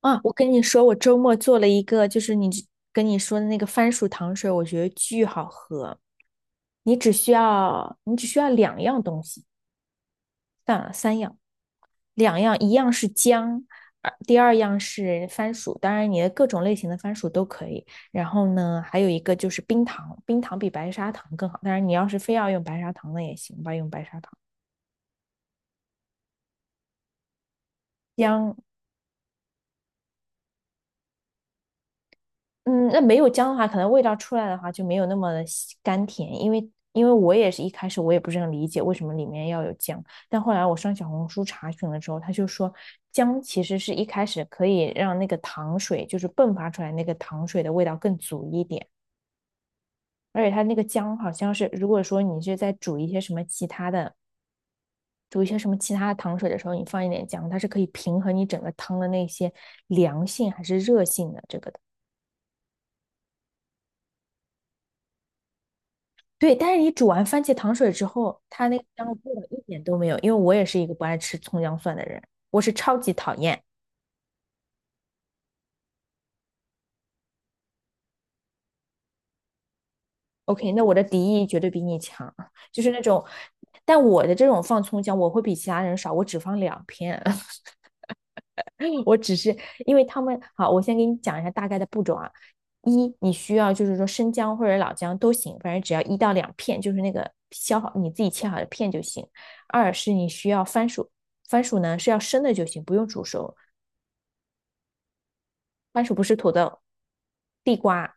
啊，我跟你说，我周末做了一个，就是你跟你说的那个番薯糖水，我觉得巨好喝。你只需要，你只需要两样东西，算了，三样，两样，一样是姜，第二样是番薯，当然你的各种类型的番薯都可以。然后呢，还有一个就是冰糖，冰糖比白砂糖更好，当然你要是非要用白砂糖的也行吧，用白砂糖。姜。嗯，那没有姜的话，可能味道出来的话就没有那么的吸甘甜，因为我也是一开始我也不是很理解为什么里面要有姜，但后来我上小红书查询了之后，他就说姜其实是一开始可以让那个糖水就是迸发出来那个糖水的味道更足一点，而且它那个姜好像是如果说你是在煮一些什么其他的糖水的时候，你放一点姜，它是可以平衡你整个汤的那些凉性还是热性的这个。对，但是你煮完番茄糖水之后，它那个香味儿一点都没有。因为我也是一个不爱吃葱姜蒜的人，我是超级讨厌。OK，那我的敌意绝对比你强，就是那种，但我的这种放葱姜，我会比其他人少，我只放两片，我只是因为他们好，我先给你讲一下大概的步骤啊。一，你需要就是说生姜或者老姜都行，反正只要1到2片，就是那个削好你自己切好的片就行。二是你需要番薯，番薯呢是要生的就行，不用煮熟。番薯不是土豆，地瓜，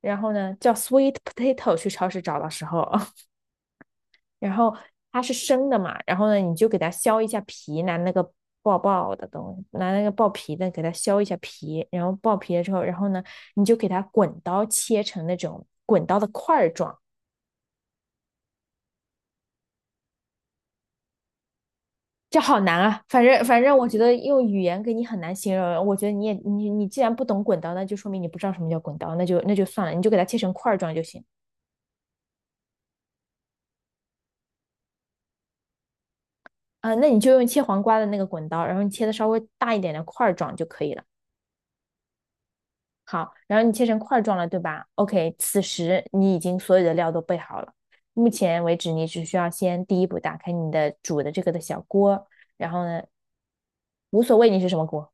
然后呢叫 sweet potato 去超市找的时候，然后它是生的嘛，然后呢你就给它削一下皮，拿那个爆爆的东西，拿那个爆皮的给它削一下皮，然后爆皮了之后，然后呢你就给它滚刀切成那种滚刀的块状。这好难啊！反正，我觉得用语言给你很难形容。我觉得你也你你既然不懂滚刀，那就说明你不知道什么叫滚刀，那就算了，你就给它切成块状就行。那你就用切黄瓜的那个滚刀，然后你切的稍微大一点的块儿状就可以了。好，然后你切成块儿状了，对吧？OK，此时你已经所有的料都备好了。目前为止，你只需要先第一步打开你的煮的这个的小锅，然后呢，无所谓你是什么锅，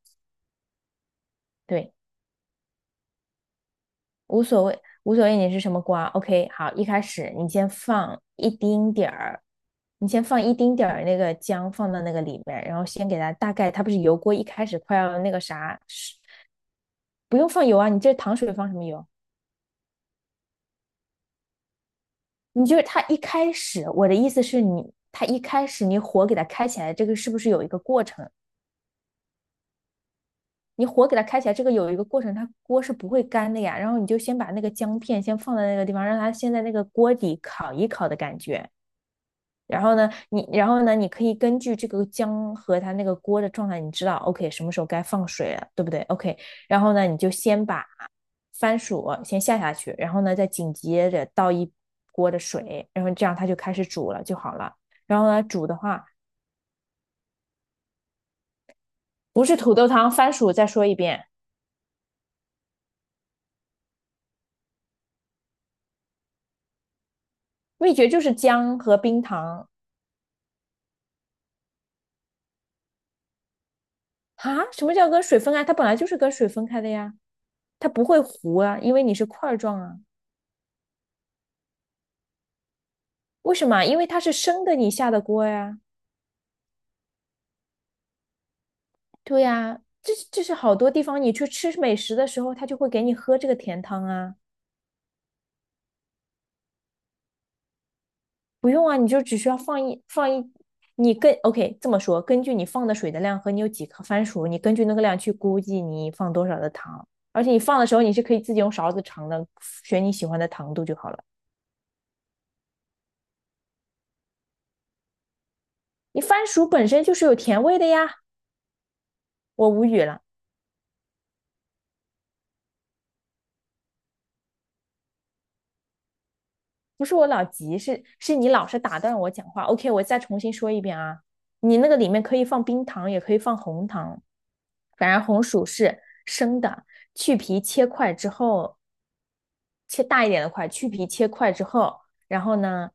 对，无所谓，无所谓你是什么锅。 o k 好，一开始你先放一丁点儿，你先放一丁点儿那个姜放到那个里面，然后先给它大概，它不是油锅一开始快要那个啥，是不用放油啊，你这糖水放什么油？你就是它一开始，我的意思是你，它一开始你火给它开起来，这个是不是有一个过程？你火给它开起来，这个有一个过程，它锅是不会干的呀。然后你就先把那个姜片先放在那个地方，让它先在那个锅底烤一烤的感觉。然后呢，你然后呢，你可以根据这个姜和它那个锅的状态，你知道 OK 什么时候该放水了，对不对？OK，然后呢，你就先把番薯先下下去，然后呢，再紧接着倒一锅的水，然后这样它就开始煮了就好了。然后呢，煮的话不是土豆汤，番薯再说一遍，秘诀就是姜和冰糖。啊。什么叫跟水分啊？它本来就是跟水分开的呀，它不会糊啊，因为你是块状啊。为什么？因为它是生的，你下的锅呀。对呀，这是好多地方你去吃美食的时候，他就会给你喝这个甜汤啊，不用啊，你就只需要放一放一，你跟 OK 这么说，根据你放的水的量和你有几颗番薯，你根据那个量去估计你放多少的糖，而且你放的时候你是可以自己用勺子尝的，选你喜欢的糖度就好了。你番薯本身就是有甜味的呀，我无语了。不是我老急，是你老是打断我讲话。OK，我再重新说一遍啊，你那个里面可以放冰糖，也可以放红糖，反正红薯是生的，去皮切块之后，切大一点的块，去皮切块之后，然后呢，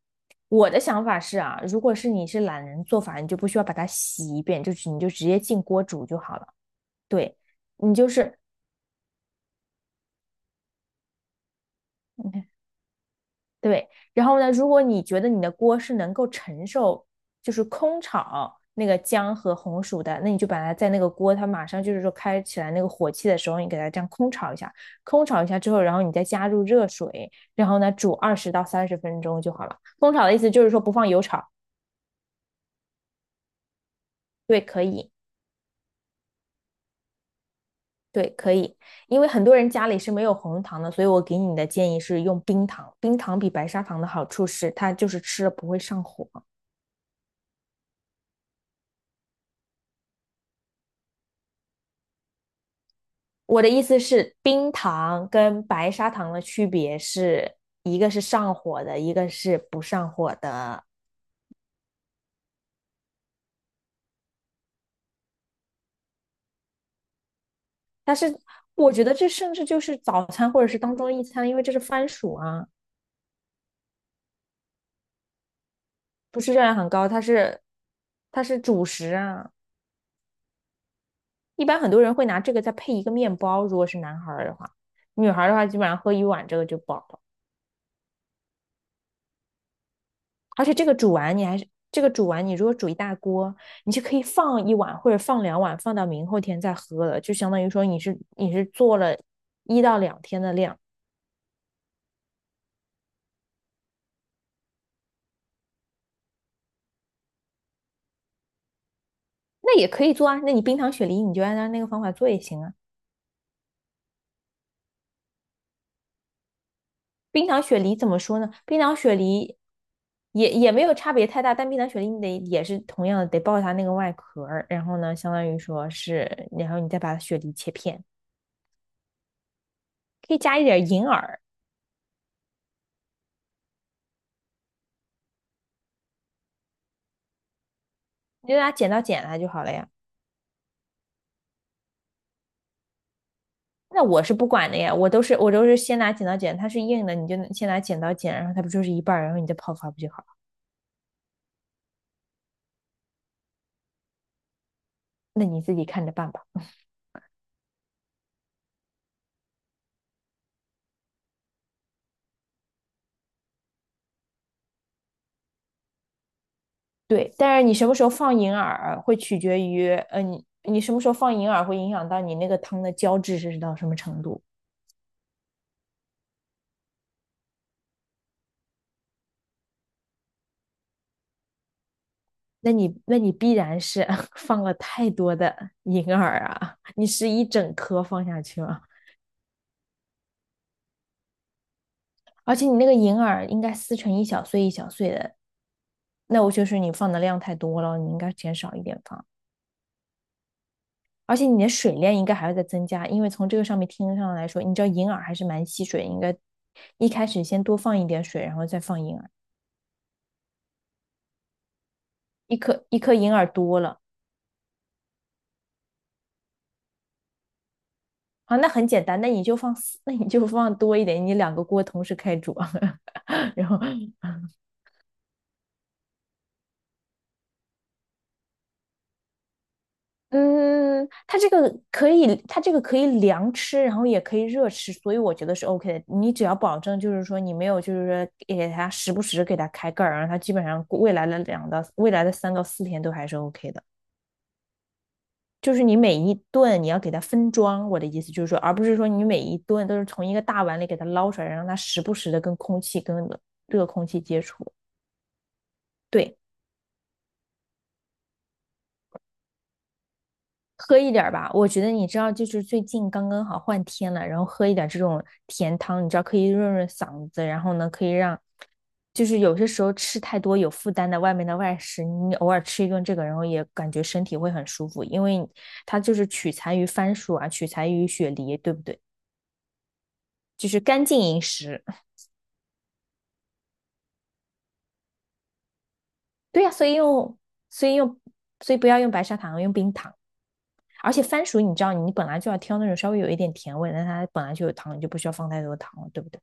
我的想法是啊，如果是你是懒人做法，你就不需要把它洗一遍，就是你就直接进锅煮就好了。对，你就是。嗯对，然后呢，如果你觉得你的锅是能够承受，就是空炒那个姜和红薯的，那你就把它在那个锅，它马上就是说开起来那个火气的时候，你给它这样空炒一下，空炒一下之后，然后你再加入热水，然后呢煮20到30分钟就好了。空炒的意思就是说不放油炒，对，可以，对，可以，因为很多人家里是没有红糖的，所以我给你的建议是用冰糖，冰糖比白砂糖的好处是它就是吃了不会上火。我的意思是，冰糖跟白砂糖的区别是一个是上火的，一个是不上火的。但是我觉得这甚至就是早餐或者是当中一餐，因为这是番薯啊，不是热量很高，它是主食啊。一般很多人会拿这个再配一个面包，如果是男孩儿的话，女孩儿的话基本上喝一碗这个就饱了。而且这个煮完你还是这个煮完，你如果煮一大锅，你就可以放一碗或者放两碗，放到明后天再喝了，就相当于说你是做了1到2天的量，那也可以做啊。那你冰糖雪梨你就按照那个方法做也行啊。冰糖雪梨怎么说呢？冰糖雪梨也没有差别太大，但冰糖雪梨你得也是同样的得爆它那个外壳然后呢，相当于说是，然后你再把雪梨切片，可以加一点银耳，你就拿剪刀剪它就好了呀。那我是不管的呀，我都是先拿剪刀剪，它是硬的，你就先拿剪刀剪，然后它不就是一半儿，然后你再泡发不就好了？那你自己看着办吧。对，但是你什么时候放银耳会取决于，你你什么时候放银耳会影响到你那个汤的胶质是到什么程度？那你那你必然是 放了太多的银耳啊，你是一整颗放下去吗？而且你那个银耳应该撕成一小碎一小碎的，那我就是你放的量太多了，你应该减少一点放。而且你的水量应该还会再增加，因为从这个上面听上来说，你知道银耳还是蛮吸水，应该一开始先多放一点水，然后再放银耳。一颗一颗银耳多了，啊，那很简单，那你就放四，那你就放多一点，你两个锅同时开煮，然后嗯，它这个可以，它这个可以凉吃，然后也可以热吃，所以我觉得是 OK 的。你只要保证就是说你没有就是说给它时不时给它开盖儿，然后它基本上未来的两到未来的3到4天都还是 OK 的。就是你每一顿你要给它分装，我的意思就是说，而不是说你每一顿都是从一个大碗里给它捞出来，让它时不时的跟空气、跟热空气接触。对，喝一点吧，我觉得你知道，就是最近刚刚好换天了，然后喝一点这种甜汤，你知道可以润润嗓子，然后呢可以让就是有些时候吃太多有负担的外面的外食，你偶尔吃一顿这个，然后也感觉身体会很舒服，因为它就是取材于番薯啊，取材于雪梨，对不对？就是干净饮食。对呀、所以用，所以不要用白砂糖，用冰糖。而且番薯，你知道，你本来就要挑那种稍微有一点甜味的但它本来就有糖，你就不需要放太多糖了，对不对？